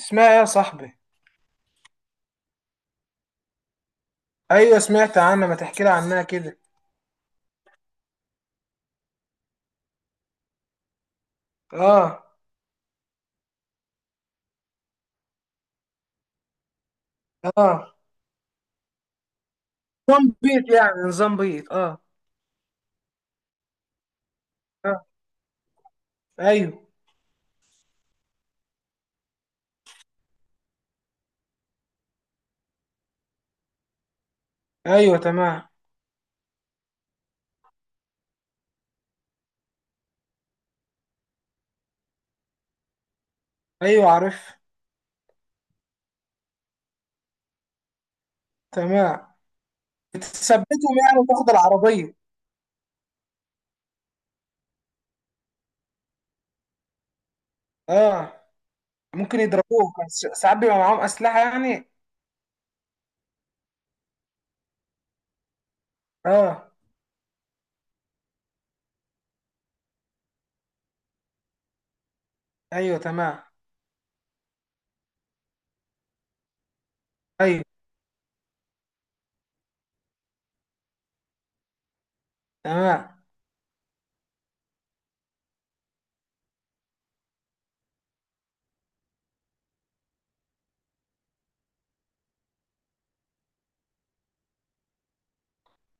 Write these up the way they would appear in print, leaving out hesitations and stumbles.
اسمها ايه يا صاحبي؟ ايوه سمعت عنها، ما تحكي لي عنها كده. اه. اه، نظام بيض يعني، نظام بيض، اه. اه. ايوه. ايوه تمام. ايوه عارف. تمام. بتثبتهم يعني، وتاخد العربيه. اه، ممكن يضربوك، بس ساعات بيبقى معاهم اسلحه يعني. اه. ايوه تمام. ايوه تمام،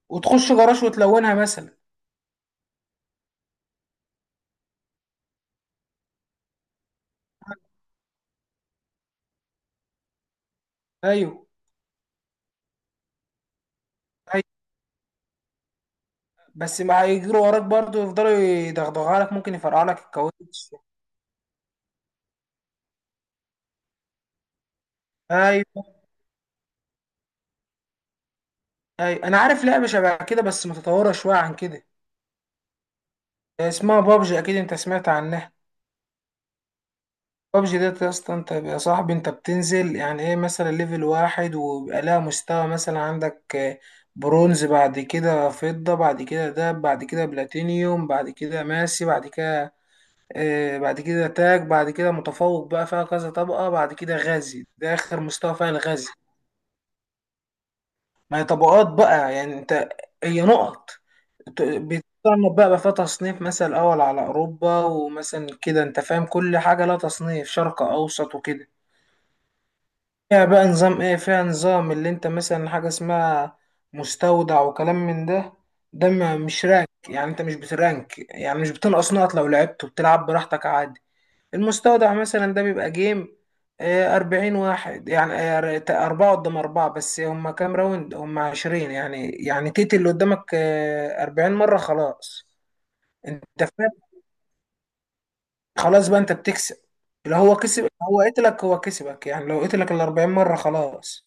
وتخش جراج وتلونها مثلا. ايوه. ايوه، بس ما هيجروا وراك برضه؟ يفضلوا يدغدغوا لك، ممكن يفرقعوا لك الكاوتش. ايوه. اي انا عارف لعبه شبه كده، بس متطوره شويه عن كده. اسمها بابجي، اكيد انت سمعت عنها. بابجي ديت يا اسطى، انت يا صاحبي انت بتنزل يعني ايه، مثلا ليفل واحد، وبيبقى لها مستوى مثلا. عندك برونز، بعد كده فضة، بعد كده دهب، بعد كده بلاتينيوم، بعد كده ماسي، بعد كده بعد كده تاج، بعد كده متفوق. بقى فيها كذا طبقة، بعد كده غازي، ده آخر مستوى فيها الغازي. ما هي طبقات بقى، يعني انت، هي نقط. بيتصنف بقى، بقى فيها تصنيف مثلا أول على أوروبا، ومثلا كده أنت فاهم، كل حاجة لها تصنيف، شرق أوسط وكده. فيها بقى نظام إيه، فيها نظام اللي أنت مثلا حاجة اسمها مستودع وكلام من ده. ده مش رانك يعني، أنت مش بترانك يعني، مش بتنقص نقط لو لعبت، وبتلعب براحتك عادي. المستودع مثلا ده بيبقى جيم، أربعين واحد يعني، أربعة قدام أربعة، بس هما كام راوند؟ هما عشرين، يعني يعني تيتي اللي قدامك أربعين مرة خلاص. انت فاهم؟ خلاص بقى انت بتكسب. لو هو كسب، هو قتلك هو كسبك يعني، لو قتلك ال 40 مرة خلاص.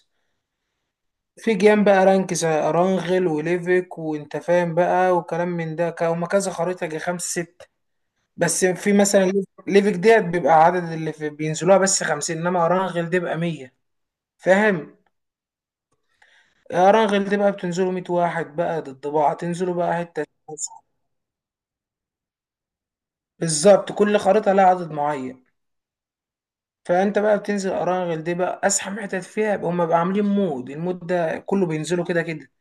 في جيم بقى رانك زي ارانغل وليفك، وانت فاهم بقى وكلام من ده. هما كذا خريطة، جي خمسة ستة، بس في مثلا ليفك ديت بيبقى عدد اللي في بينزلوها بس خمسين، انما ارانغل دي بقى مية. فاهم؟ ارانغل دي بقى بتنزلوا مية واحد بقى، ضد بعض تنزلوا بقى حتة. بالظبط، كل خريطة لها عدد معين. فانت بقى بتنزل اراغل دي بقى ازحم حتت فيها، يبقى هما بقى عاملين مود، المود ده كله بينزلوا كده كده.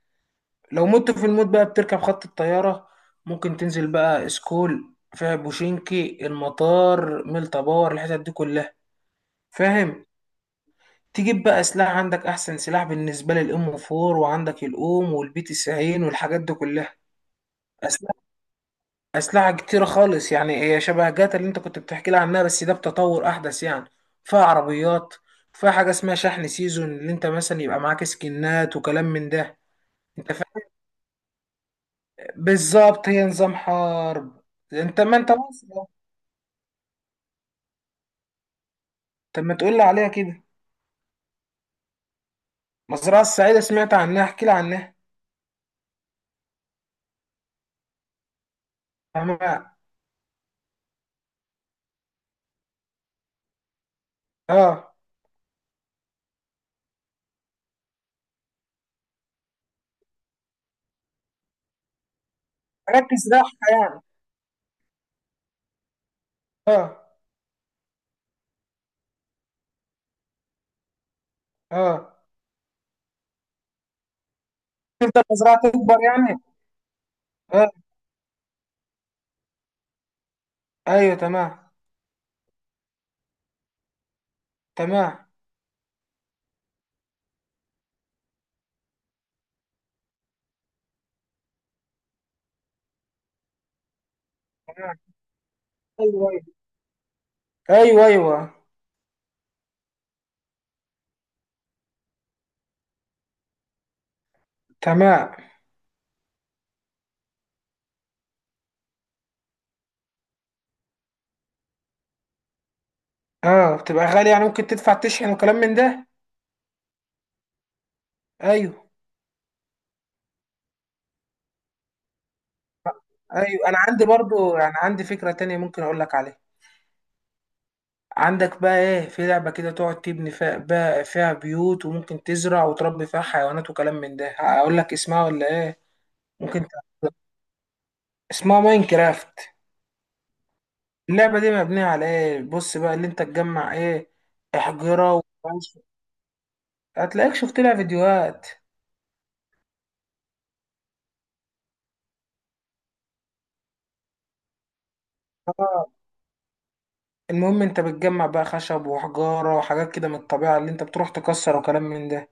لو مت في المود بقى بتركب خط الطياره، ممكن تنزل بقى اسكول فيها، بوشينكي، المطار، ميلتا، باور، الحتت دي كلها. فاهم؟ تجيب بقى سلاح، عندك احسن سلاح بالنسبه للام 4، وعندك الاوم والبي تي 90 والحاجات دي كلها. أسلحة كتيرة خالص يعني، هي شبه جاتا اللي أنت كنت بتحكي لي عنها، بس ده بتطور أحدث يعني. فيها عربيات، فيها حاجة اسمها شحن سيزون، اللي أنت مثلا يبقى معاك سكنات وكلام من ده. أنت فاهم؟ بالظبط، هي نظام حرب. أنت، ما أنت مصري أهو. طب ما تقول لي عليها كده. مزرعة السعيدة، سمعت عنها، احكي لي عنها. فاهمها. أه. حاجات تزرعها يعني. أه. أه. تفضل المزرعة تكبر يعني. أه. أيوه تمام. تمام. تمام. أيوه أيوه. أيوه أيوه. تمام. اه بتبقى غالية يعني، ممكن تدفع تشحن وكلام من ده. ايوه. ايوه انا عندي برضو، يعني عندي فكرة تانية ممكن اقول لك عليها. عندك بقى ايه، في لعبة كده تقعد تبني فيها بقى، فيها بيوت، وممكن تزرع وتربي فيها حيوانات وكلام من ده. اقول لك اسمها ولا ايه؟ ممكن ت... اسمها ماينكرافت. اللعبة دي مبنية على ايه، بص بقى، اللي انت تجمع ايه. احجرة وخش، هتلاقيك شفت لها فيديوهات. اه. المهم انت بتجمع بقى خشب وحجارة وحاجات كده من الطبيعة، اللي انت بتروح تكسر وكلام من ده.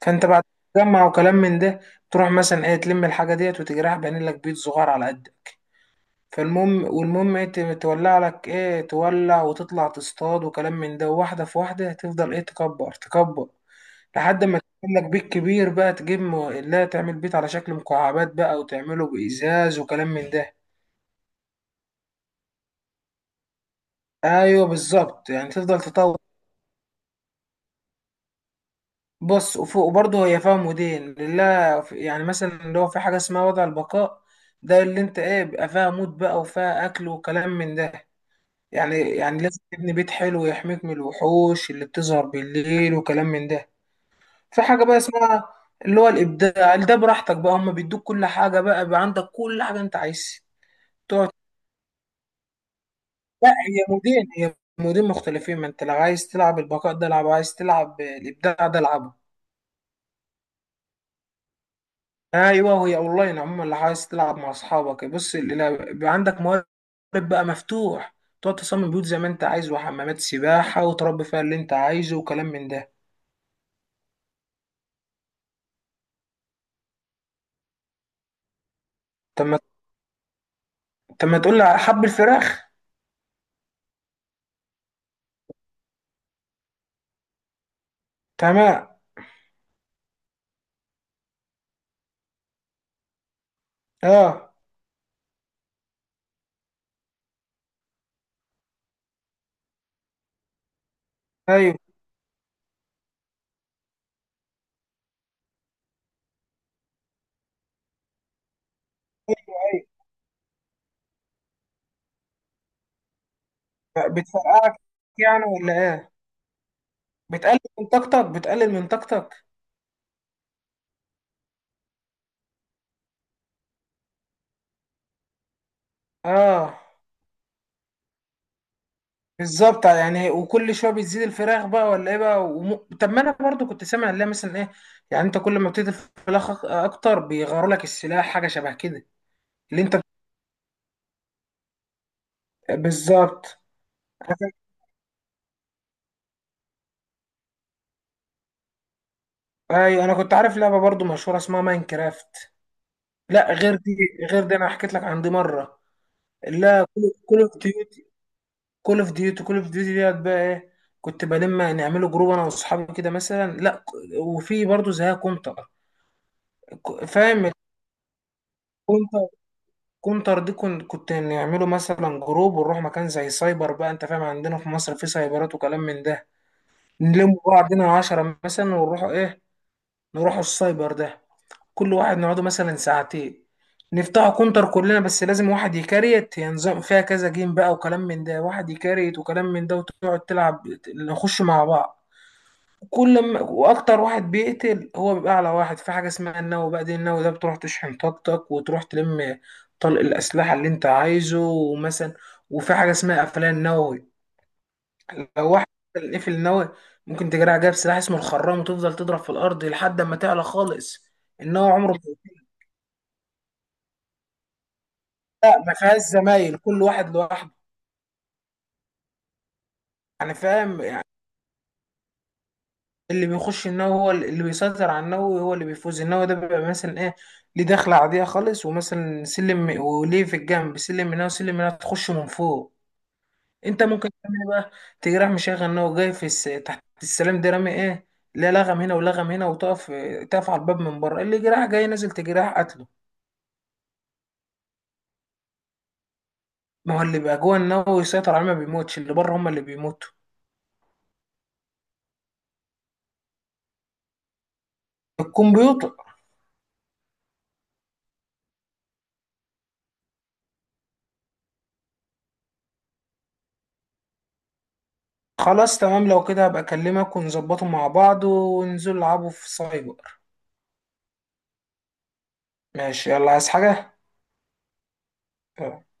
فانت بعد ما تجمع وكلام من ده، تروح مثلا ايه، تلم الحاجه ديت وتجرح، بعمل لك بيت صغير على قدك. فالمهم، والمهم ايه، تولع لك ايه، تولع وتطلع تصطاد وكلام من ده، واحده في واحده تفضل ايه تكبر تكبر، لحد ما تعمل لك بيت كبير بقى، تجيب لا، تعمل بيت على شكل مكعبات بقى، وتعمله بإزاز وكلام من ده. ايوه بالظبط، يعني تفضل تطور. بص وفوق، وبرضه هي فيها مودين، لله يعني مثلا اللي هو، في حاجة اسمها وضع البقاء. ده اللي انت ايه، بيبقى فيها موت بقى، وفيها أكل وكلام من ده. يعني يعني لازم تبني بيت حلو يحميك من الوحوش اللي بتظهر بالليل وكلام من ده. في حاجة بقى اسمها اللي هو الإبداع، ده براحتك بقى، هما بيدوك كل حاجة، بقى بقى عندك كل حاجة انت عايزها. تقعد. لا، هي مودين، هي مودين مختلفين، ما انت لو عايز تلعب البقاء ده العب، عايز تلعب الإبداع ده العب. ايوه، وهي اونلاين عموما لو عايز تلعب مع اصحابك. بص، بيبقى عندك موارد، بقى مفتوح، تقعد تصمم بيوت زي ما انت عايز، وحمامات سباحه، وتربي فيها اللي انت عايزه وكلام من ده. طب ما طب ما تقول لي على حب الفراخ. تمام. اه. ايوه. ايوه بتفرقعك يعني ولا ايه؟ بتقلل من طاقتك، بتقلل من طاقتك. اه بالظبط يعني، وكل شويه بتزيد الفراخ بقى ولا ايه بقى، طب ما انا برضو كنت سامع اللي هي مثلا ايه. يعني انت كل ما بتزيد الفراخ اكتر بيغيروا لك السلاح، حاجه شبه كده. اللي انت، بالظبط. اي انا كنت عارف لعبه برضو مشهوره اسمها ماين كرافت. لا، غير دي، انا حكيت لك عن دي مره. لا، كول اوف ديوتي. كول اوف ديوتي ديت بقى ايه، كنت بلم نعمله جروب انا واصحابي كده مثلا. لا، وفي برضو زيها كونتر. فاهم؟ كونتر دي كنت، نعمله مثلا جروب ونروح مكان زي سايبر بقى، انت فاهم، عندنا في مصر في سايبرات وكلام من ده. نلم بعضنا عشرة مثلا ونروح ايه، نروحوا السايبر ده، كل واحد نقعده مثلا ساعتين. نفتحوا كونتر كلنا، بس لازم واحد يكريت، ينظم فيها كذا جيم بقى وكلام من ده، واحد يكريت وكلام من ده، وتقعد تلعب. نخش مع بعض، كل ما واكتر واحد بيقتل هو بيبقى اعلى واحد، في حاجه اسمها النووي بقى، دي النووي ده بتروح تشحن طاقتك، وتروح تلم طلق الاسلحه اللي انت عايزه ومثلا. وفي حاجه اسمها قفلان نووي. لو واحد قتل قفل نووي، ممكن تجري عليها بسلاح اسمه الخرام، وتفضل تضرب في الارض لحد ما تعلى خالص. النووي عمره ما، لا، ما فيهاش زمايل، كل واحد لوحده. يعني فاهم، اللي بيخش النووي هو اللي بيسيطر على النووي، هو اللي بيفوز. النووي ده بيبقى مثلا ايه، ليه دخلة عادية خالص، ومثلا سلم، وليه في الجنب سلم من هنا وسلم من هنا، تخش من فوق. انت ممكن تعمل إيه بقى، تيجي رايح مشغل نووي جاي في تحت السلام ده رامي ايه، لا لغم هنا ولغم هنا، وتقف. تقف على الباب من بره، اللي جراح جاي نازل تجراح قتله. ما هو اللي بقى جوه النووي يسيطر عليه ما بيموتش، اللي بره هم اللي بيموتوا. الكمبيوتر. خلاص تمام، لو كده هبقى اكلمك ونظبطه مع بعض، وننزل نلعبه في سايبر. ماشي، يلا عايز حاجة؟ يلا.